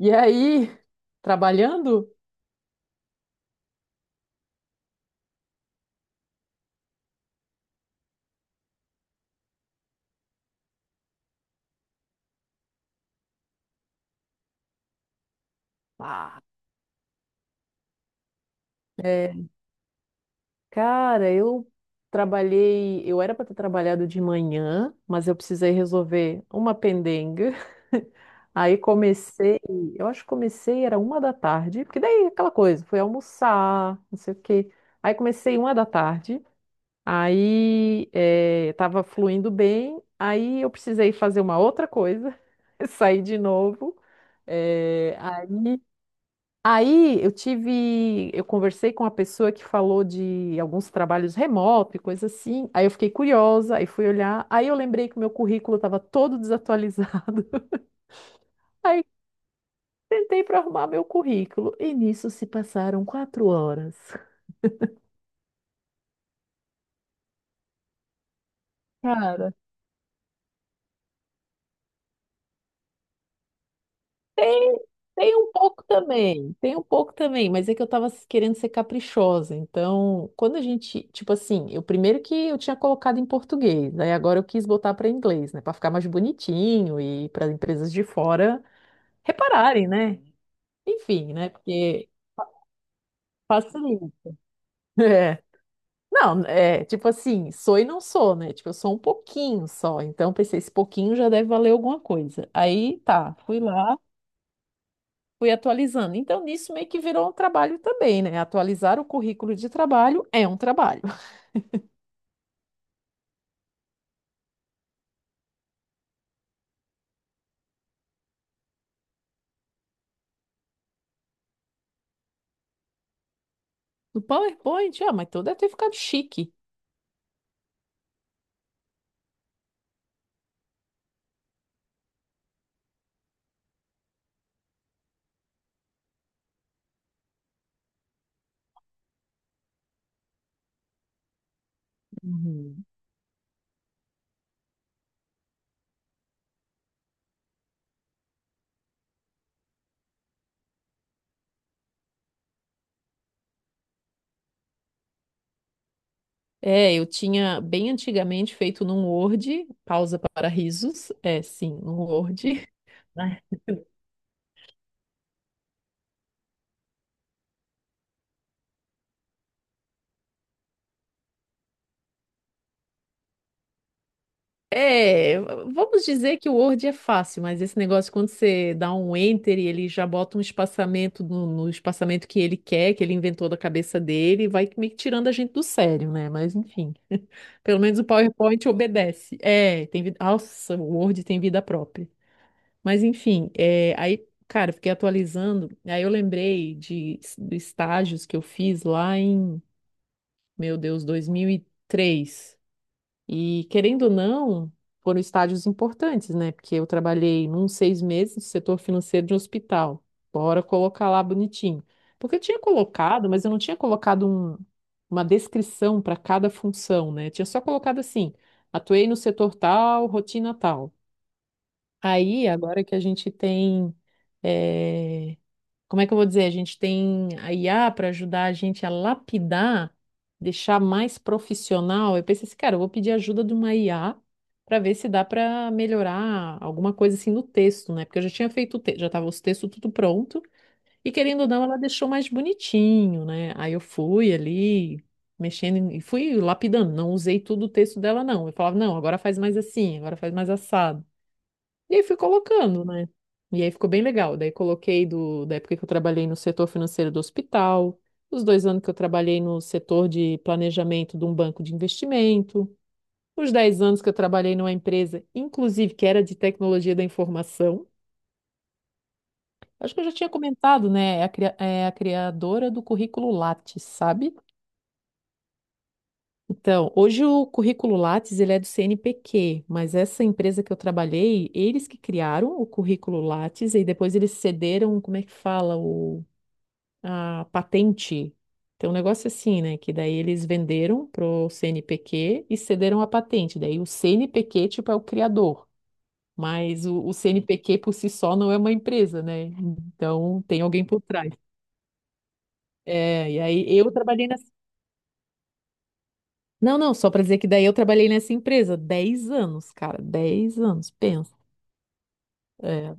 E aí, trabalhando? Ah, é, cara, eu trabalhei. Eu era para ter trabalhado de manhã, mas eu precisei resolver uma pendenga. Aí comecei, eu acho que comecei, era 1 da tarde, porque daí aquela coisa, fui almoçar, não sei o quê. Aí comecei 1 da tarde, aí tava fluindo bem, aí eu precisei fazer uma outra coisa, saí de novo. eh, aí Aí eu tive, eu conversei com uma pessoa que falou de alguns trabalhos remoto e coisa assim. Aí eu fiquei curiosa, aí fui olhar, aí eu lembrei que o meu currículo estava todo desatualizado. Aí tentei para arrumar meu currículo e nisso se passaram 4 horas. Cara. Tem, tem um pouco também, tem um pouco também, mas é que eu tava querendo ser caprichosa. Então, quando a gente, tipo assim, eu primeiro que eu tinha colocado em português, aí agora eu quis botar para inglês, né, para ficar mais bonitinho e para empresas de fora repararem, né? Enfim, né? Porque facilita. É. Não, é, tipo assim, sou e não sou, né? Tipo, eu sou um pouquinho só. Então, pensei, esse pouquinho já deve valer alguma coisa. Aí, tá, fui lá, fui atualizando. Então, nisso meio que virou um trabalho também, né? Atualizar o currículo de trabalho é um trabalho. No PowerPoint, ah, mas tu deve ter ficado chique. Uhum. É, eu tinha bem antigamente feito num Word, pausa para risos, é sim, num Word. Né? É, vamos dizer que o Word é fácil, mas esse negócio quando você dá um enter e ele já bota um espaçamento no espaçamento que ele quer, que ele inventou da cabeça dele, vai meio que tirando a gente do sério, né? Mas enfim. Pelo menos o PowerPoint obedece. É, tem vida. Nossa, o Word tem vida própria. Mas enfim, é, aí, cara, eu fiquei atualizando. Aí eu lembrei de estágios que eu fiz lá em, meu Deus, 2003. E querendo ou não, foram estágios importantes, né? Porque eu trabalhei num 6 meses no setor financeiro de um hospital. Bora colocar lá bonitinho. Porque eu tinha colocado, mas eu não tinha colocado uma descrição para cada função, né? Eu tinha só colocado assim: atuei no setor tal, rotina tal. Aí, agora que a gente tem eh, como é que eu vou dizer? A gente tem a IA para ajudar a gente a lapidar, deixar mais profissional. Eu pensei assim, cara, eu vou pedir ajuda de uma IA para ver se dá para melhorar alguma coisa assim no texto, né? Porque eu já tinha feito o texto, já estava os textos tudo pronto e querendo ou não, ela deixou mais bonitinho, né? Aí eu fui ali e fui lapidando, não usei tudo o texto dela não. Eu falava, não, agora faz mais assim, agora faz mais assado. E aí fui colocando, né? E aí ficou bem legal. Daí coloquei da época que eu trabalhei no setor financeiro do hospital, os 2 anos que eu trabalhei no setor de planejamento de um banco de investimento, os 10 anos que eu trabalhei numa empresa, inclusive, que era de tecnologia da informação. Acho que eu já tinha comentado, né? É a criadora do currículo Lattes, sabe? Então, hoje o currículo Lattes ele é do CNPq, mas essa empresa que eu trabalhei, eles que criaram o currículo Lattes e depois eles cederam, como é que fala, a patente. Tem um negócio assim, né? Que daí eles venderam pro CNPq e cederam a patente. Daí o CNPq, tipo, é o criador, mas o CNPq por si só não é uma empresa, né? Então tem alguém por trás. É, e aí eu trabalhei Não, não, só pra dizer que daí eu trabalhei nessa empresa 10 anos, cara, 10 anos, pensa. É.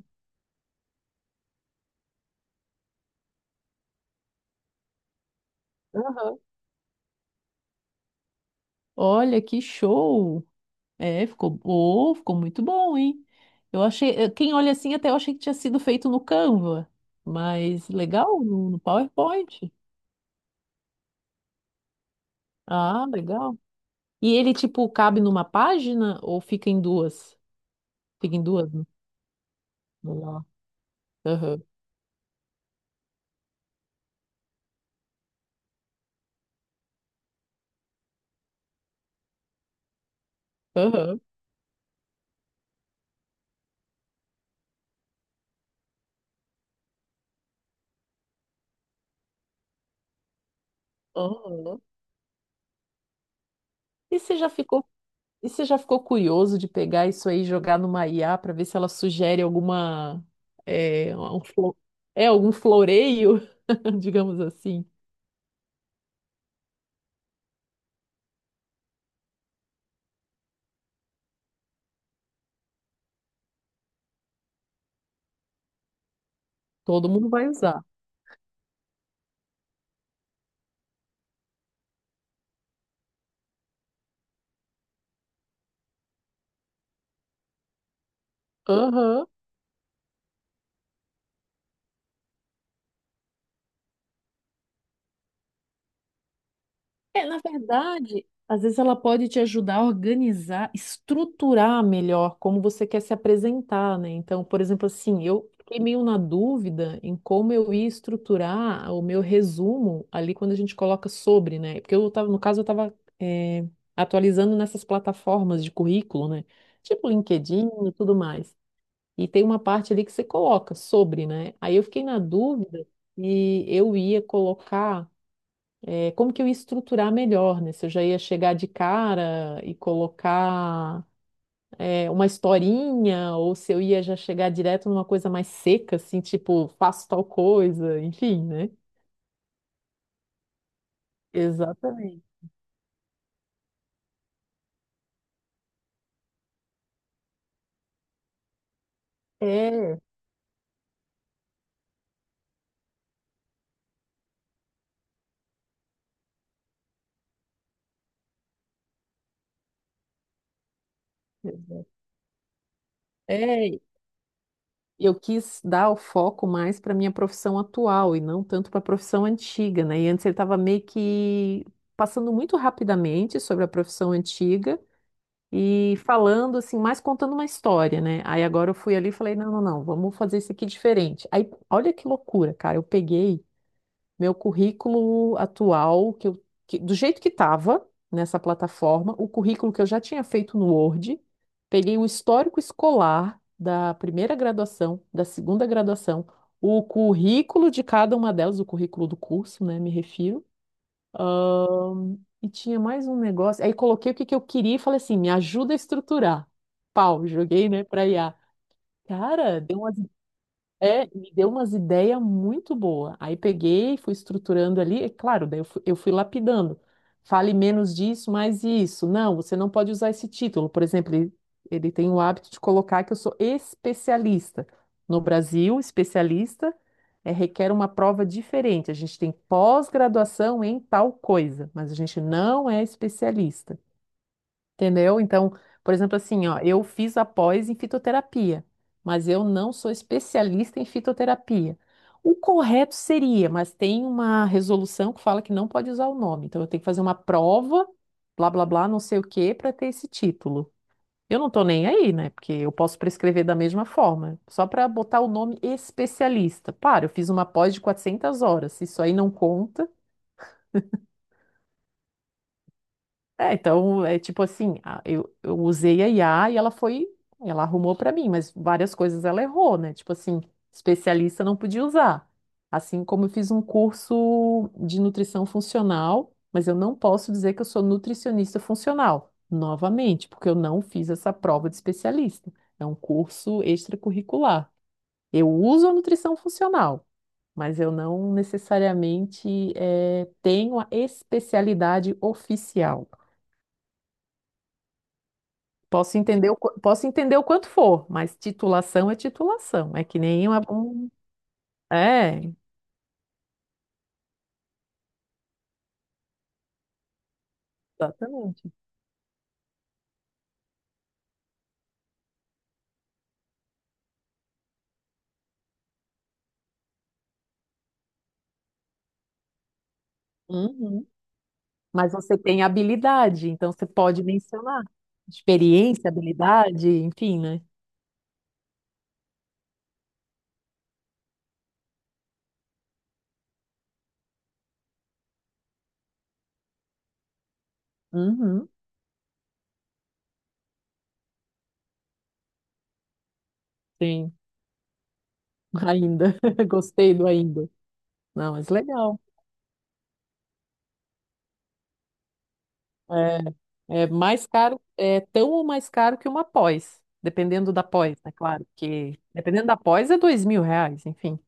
Aham. Olha que show! É, ficou, oh, ficou muito bom, hein? Eu achei, quem olha assim até eu achei que tinha sido feito no Canva, mas legal, no PowerPoint. Ah, legal. E ele, tipo, cabe numa página ou fica em duas? Fica em duas, né? Legal. Aham, aham, aham. E você já ficou E você já ficou curioso de pegar isso aí e jogar numa IA para ver se ela sugere alguma é, um flo- é algum floreio, digamos assim? Todo mundo vai usar. Aham. É, na verdade, às vezes ela pode te ajudar a organizar, estruturar melhor como você quer se apresentar, né? Então, por exemplo, assim, eu fiquei meio na dúvida em como eu ia estruturar o meu resumo ali quando a gente coloca sobre, né? Porque eu tava, no caso, eu estava atualizando nessas plataformas de currículo, né? Tipo LinkedIn e tudo mais. E tem uma parte ali que você coloca sobre, né? Aí eu fiquei na dúvida e eu ia colocar como que eu ia estruturar melhor, né? Se eu já ia chegar de cara e colocar uma historinha, ou se eu ia já chegar direto numa coisa mais seca, assim, tipo, faço tal coisa, enfim, né? Exatamente. É, exato. é, eu quis dar o foco mais para minha profissão atual e não tanto para a profissão antiga, né? E antes ele estava meio que passando muito rapidamente sobre a profissão antiga e falando assim, mais contando uma história, né? Aí agora eu fui ali e falei, não, não, não, vamos fazer isso aqui diferente. Aí, olha que loucura, cara, eu peguei meu currículo atual, que do jeito que estava nessa plataforma, o currículo que eu já tinha feito no Word, peguei o histórico escolar da primeira graduação, da segunda graduação, o currículo de cada uma delas, o currículo do curso, né, me refiro, e tinha mais um negócio. Aí coloquei o que que eu queria e falei assim: me ajuda a estruturar. Pau, joguei, né, pra I a. Cara, deu uma é, Me deu umas ideias muito boas. Aí peguei, fui estruturando ali, é claro, daí eu fui lapidando. Fale menos disso, mais isso. Não, você não pode usar esse título. Por exemplo, ele tem o hábito de colocar que eu sou especialista. No Brasil, especialista requer uma prova diferente. A gente tem pós-graduação em tal coisa, mas a gente não é especialista. Entendeu? Então, por exemplo, assim, ó, eu fiz a pós em fitoterapia, mas eu não sou especialista em fitoterapia. O correto seria, mas tem uma resolução que fala que não pode usar o nome. Então, eu tenho que fazer uma prova, blá, blá, blá, não sei o quê, para ter esse título. Eu não tô nem aí, né? Porque eu posso prescrever da mesma forma, só para botar o nome especialista. Para, eu fiz uma pós de 400 horas. Se isso aí não conta, é, então, é tipo assim, eu usei a IA e ela foi, ela arrumou pra mim, mas várias coisas ela errou, né? Tipo assim, especialista não podia usar. Assim como eu fiz um curso de nutrição funcional, mas eu não posso dizer que eu sou nutricionista funcional, novamente, porque eu não fiz essa prova de especialista. É um curso extracurricular. Eu uso a nutrição funcional, mas eu não necessariamente tenho a especialidade oficial. Posso entender posso entender o quanto for, mas titulação. É que nem uma. É, exatamente. Uhum. Mas você tem habilidade, então você pode mencionar. Experiência, habilidade, enfim, né? Uhum. Sim, ainda. Gostei do ainda. Não, mas legal. É, é mais caro, é tão ou mais caro que uma pós. Dependendo da pós, né? Claro, porque dependendo da pós é 2.000 reais, enfim.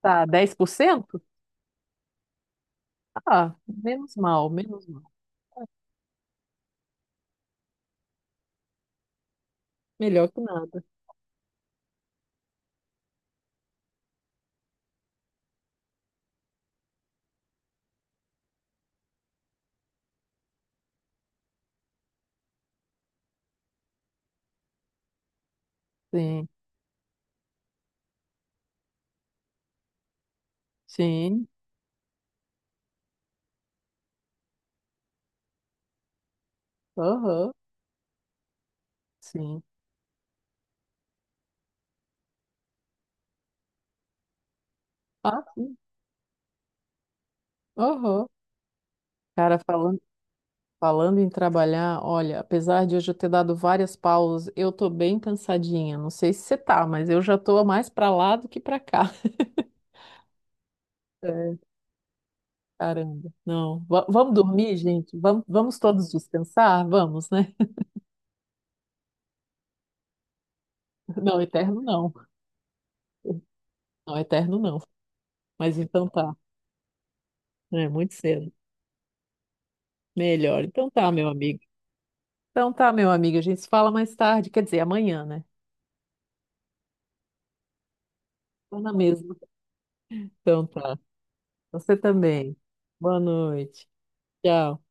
Tá, 10%. Ah, menos mal, menos mal. Melhor que nada. Sim, sim. Aham, sim. Ah, sim. Aham. Cara, falando em trabalhar, olha, apesar de hoje eu ter dado várias pausas, eu tô bem cansadinha. Não sei se você tá, mas eu já tô mais pra lá do que pra cá. É, caramba. Não. Vamos dormir, gente? Vamos, vamos todos descansar? Vamos, né? Não, eterno não. Não, eterno não. Mas então tá. É muito cedo. Melhor. Então tá, meu amigo. Então tá, meu amigo, a gente se fala mais tarde, quer dizer, amanhã, né? Tô na mesma. Então tá. Você também. Boa noite. Tchau.